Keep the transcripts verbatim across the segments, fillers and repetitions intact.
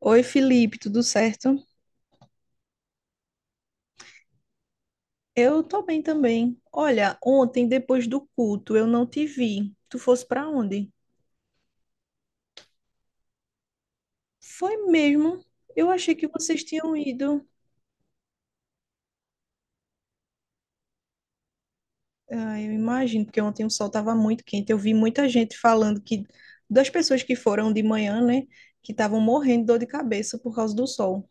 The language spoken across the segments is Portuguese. Oi, Felipe, tudo certo? Eu tô bem também. Olha, ontem, depois do culto, eu não te vi. Tu fosse pra onde? Foi mesmo. Eu achei que vocês tinham ido. Ah, eu imagino, porque ontem o sol tava muito quente. Eu vi muita gente falando que das pessoas que foram de manhã, né, que estavam morrendo de dor de cabeça por causa do sol.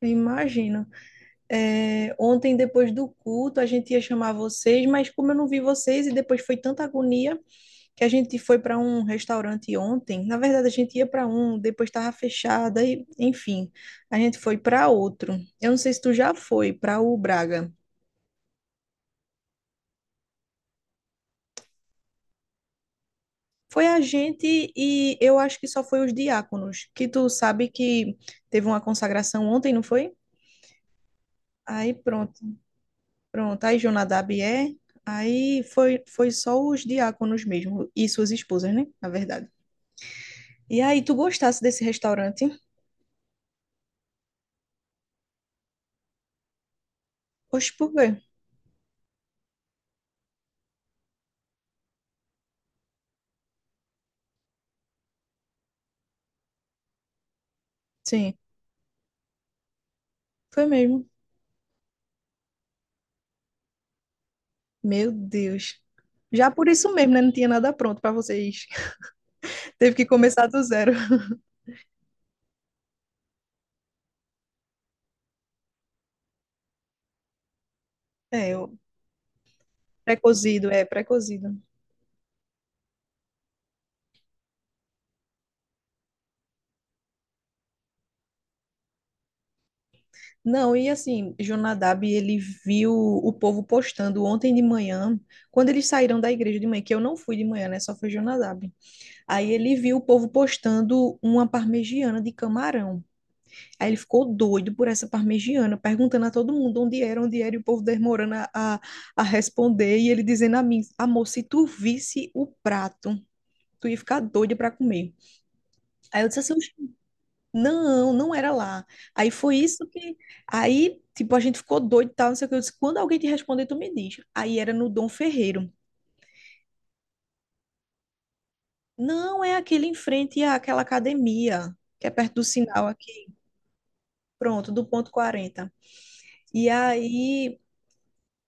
Eu imagino. É, ontem, depois do culto, a gente ia chamar vocês, mas como eu não vi vocês e depois foi tanta agonia. Que a gente foi para um restaurante ontem. Na verdade, a gente ia para um, depois estava fechado, e, enfim, a gente foi para outro. Eu não sei se tu já foi para o Braga. Foi a gente e eu acho que só foi os diáconos, que tu sabe que teve uma consagração ontem, não foi? Aí pronto, pronto. Aí Jonadab é. Aí foi, foi só os diáconos mesmo e suas esposas, né? Na verdade. E aí, tu gostasse desse restaurante? Oxe, por quê? Sim, foi mesmo. Meu Deus. Já por isso mesmo, né? Não tinha nada pronto para vocês. Teve que começar do zero. É, o pré-cozido, é, pré-cozido. Não, e assim, Jonadab, ele viu o povo postando ontem de manhã, quando eles saíram da igreja de manhã, que eu não fui de manhã, né? Só foi Jonadab. Aí ele viu o povo postando uma parmegiana de camarão. Aí ele ficou doido por essa parmegiana, perguntando a todo mundo onde era, onde era, e o povo demorando a, a, a responder, e ele dizendo a mim, amor, se tu visse o prato tu ia ficar doido para comer. Aí eu disse assim, "Oxe, não, não era lá. Aí foi isso que. Aí, tipo, a gente ficou doido e tal, não sei o que. Eu disse, quando alguém te responder, tu me diz. Aí era no Dom Ferreiro. Não, é aquele em frente àquela academia, que é perto do sinal aqui. Pronto, do ponto quarenta. E aí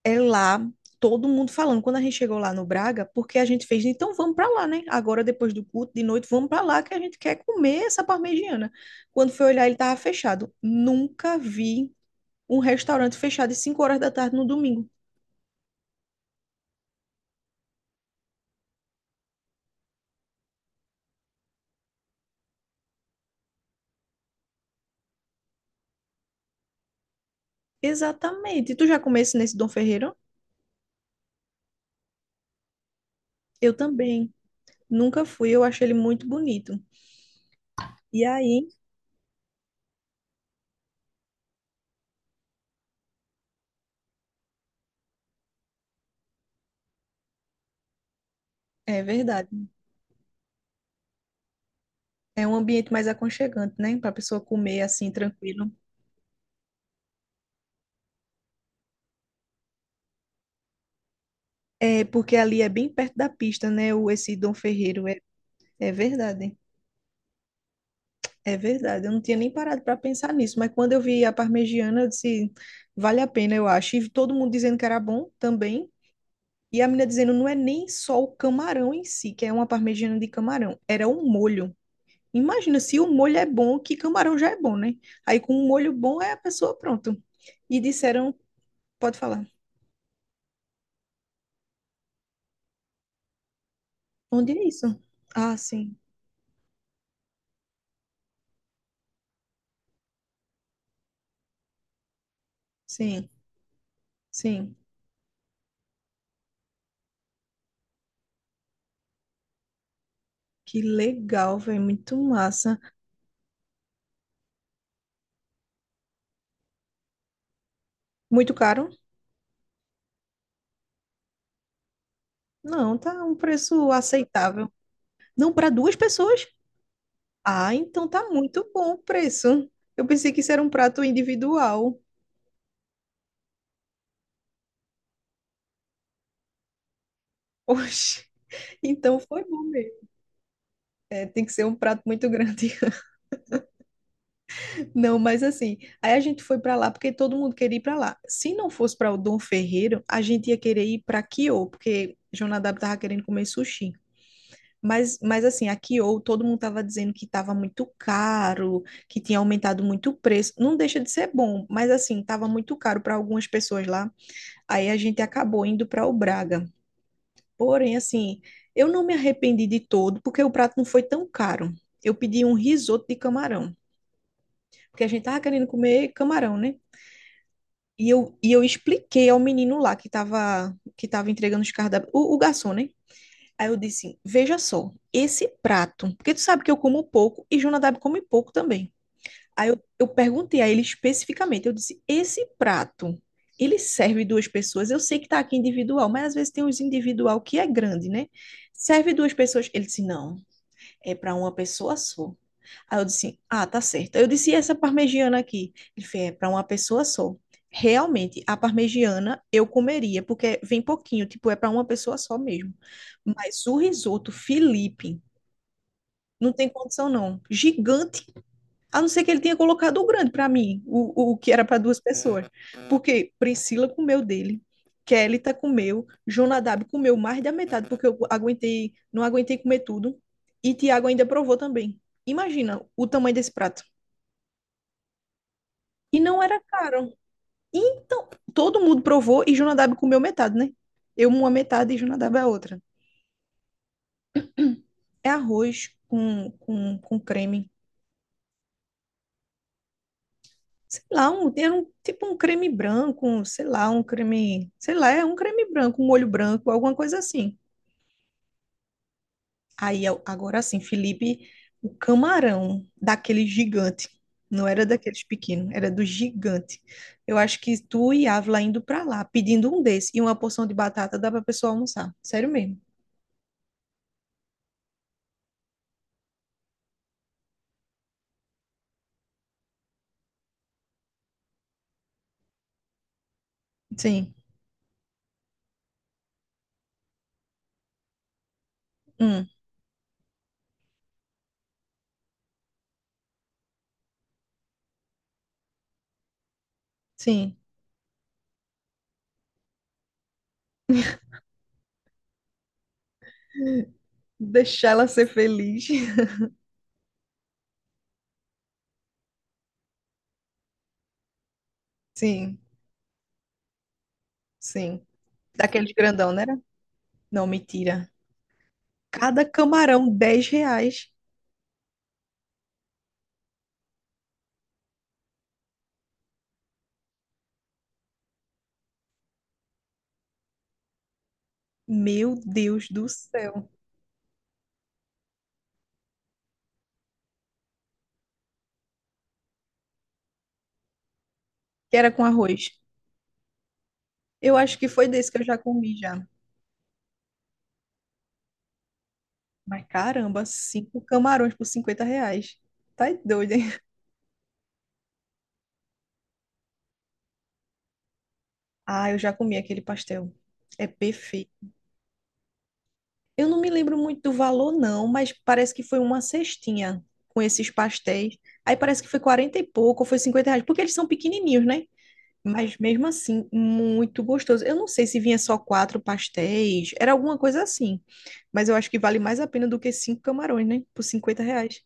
é lá, todo mundo falando. Quando a gente chegou lá no Braga, porque a gente fez, então vamos para lá, né? Agora, depois do culto, de noite, vamos para lá, que a gente quer comer essa parmegiana. Quando foi olhar, ele estava fechado. Nunca vi um restaurante fechado às cinco horas da tarde no domingo. Exatamente. Tu já comesse nesse Dom Ferreiro? Eu também. Nunca fui, eu achei ele muito bonito. E aí, é verdade. É um ambiente mais aconchegante, né? Para a pessoa comer assim, tranquilo. É, porque ali é bem perto da pista, né? O, esse Dom Ferreiro. É verdade, é verdade. Eu não tinha nem parado para pensar nisso, mas quando eu vi a parmegiana, eu disse, vale a pena, eu acho. E todo mundo dizendo que era bom também. E a menina dizendo, não é nem só o camarão em si, que é uma parmegiana de camarão, era o molho. Imagina, se o molho é bom, que camarão já é bom, né? Aí com um molho bom é a pessoa pronto. E disseram, pode falar, onde é isso? Ah, sim, sim, sim. Que legal, velho, muito massa. Muito caro? Não, tá um preço aceitável. Não, para duas pessoas? Ah, então tá muito bom o preço. Eu pensei que isso era um prato individual. Oxe, então foi bom mesmo. É, tem que ser um prato muito grande. Não, mas assim, aí a gente foi para lá porque todo mundo queria ir para lá. Se não fosse para o Dom Ferreiro, a gente ia querer ir para Kyo, porque Jonadab tava querendo comer sushi. Mas, mas assim, a Kyo, todo mundo tava dizendo que tava muito caro, que tinha aumentado muito o preço. Não deixa de ser bom, mas assim, tava muito caro para algumas pessoas lá. Aí a gente acabou indo para o Braga. Porém, assim, eu não me arrependi de todo, porque o prato não foi tão caro. Eu pedi um risoto de camarão, porque a gente tava querendo comer camarão, né? E eu, e eu expliquei ao menino lá que tava, que tava entregando os cardápios, o, o garçom, né? Aí eu disse, veja só, esse prato, porque tu sabe que eu como pouco e Jonadab come pouco também. Aí eu, eu perguntei a ele especificamente, eu disse, esse prato, ele serve duas pessoas? Eu sei que tá aqui individual, mas às vezes tem uns individual que é grande, né? Serve duas pessoas? Ele disse, não, é para uma pessoa só. Aí eu disse, ah, tá certo. Eu disse, e essa parmegiana aqui? Ele fez, é para uma pessoa só. Realmente, a parmegiana eu comeria, porque vem pouquinho, tipo, é para uma pessoa só mesmo. Mas o risoto, Felipe, não tem condição não. Gigante a não ser que ele tenha colocado o grande para mim, o, o que era para duas pessoas. Porque Priscila comeu dele, Kelly tá comeu, Jonadab comeu mais da metade, porque eu aguentei, não aguentei comer tudo. E Tiago ainda provou também. Imagina o tamanho desse prato. E não era caro. Então, todo mundo provou e Jonadab comeu metade, né? Eu uma metade e Jonadab a outra. É arroz com, com, com creme, sei lá, um, era um- tipo um creme branco, um, sei lá, um creme, sei lá, é um creme branco, um molho branco, alguma coisa assim. Aí, eu- agora sim, Felipe, o camarão daquele gigante, não era daqueles pequenos, era do gigante. Eu acho que tu e Ávila indo pra lá, pedindo um desse e uma porção de batata, dá pra pessoa almoçar, sério mesmo. Sim, hum, sim, deixar ela ser feliz. Sim, sim. Daqueles grandão, não era? Não, mentira. Cada camarão, dez reais. Meu Deus do céu. Que era com arroz. Eu acho que foi desse que eu já comi já. Mas caramba, cinco camarões por cinquenta reais. Tá doido, hein? Ah, eu já comi aquele pastel. É perfeito. Eu não me lembro muito do valor, não, mas parece que foi uma cestinha com esses pastéis. Aí parece que foi quarenta e pouco, ou foi cinquenta reais, porque eles são pequenininhos, né? Mas mesmo assim, muito gostoso. Eu não sei se vinha só quatro pastéis, era alguma coisa assim. Mas eu acho que vale mais a pena do que cinco camarões, né? Por cinquenta reais.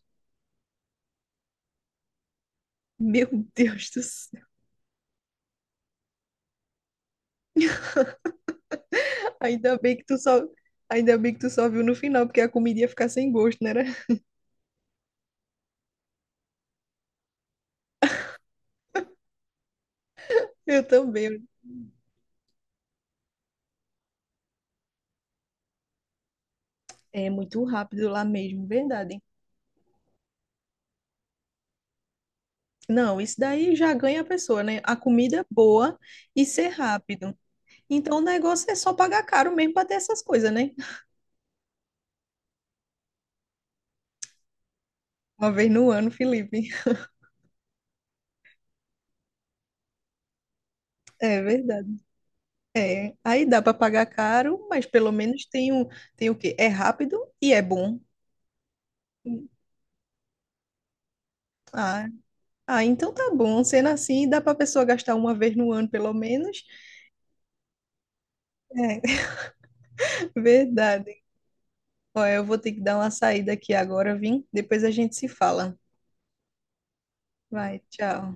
Meu Deus do céu. Ainda bem que tu só, ainda bem que tu só viu no final, porque a comida ia ficar sem gosto, né? Eu também. É muito rápido lá mesmo, verdade. Não, isso daí já ganha a pessoa, né? A comida é boa e ser rápido. Então o negócio é só pagar caro mesmo para ter essas coisas, né? Uma vez no ano, Felipe. É verdade. É, aí dá para pagar caro, mas pelo menos tem o tem o quê? É rápido e é bom. Ah, ah, então tá bom. Sendo assim, dá para pessoa gastar uma vez no ano, pelo menos. É, verdade. Ó, eu vou ter que dar uma saída aqui agora, vim. Depois a gente se fala. Vai, tchau.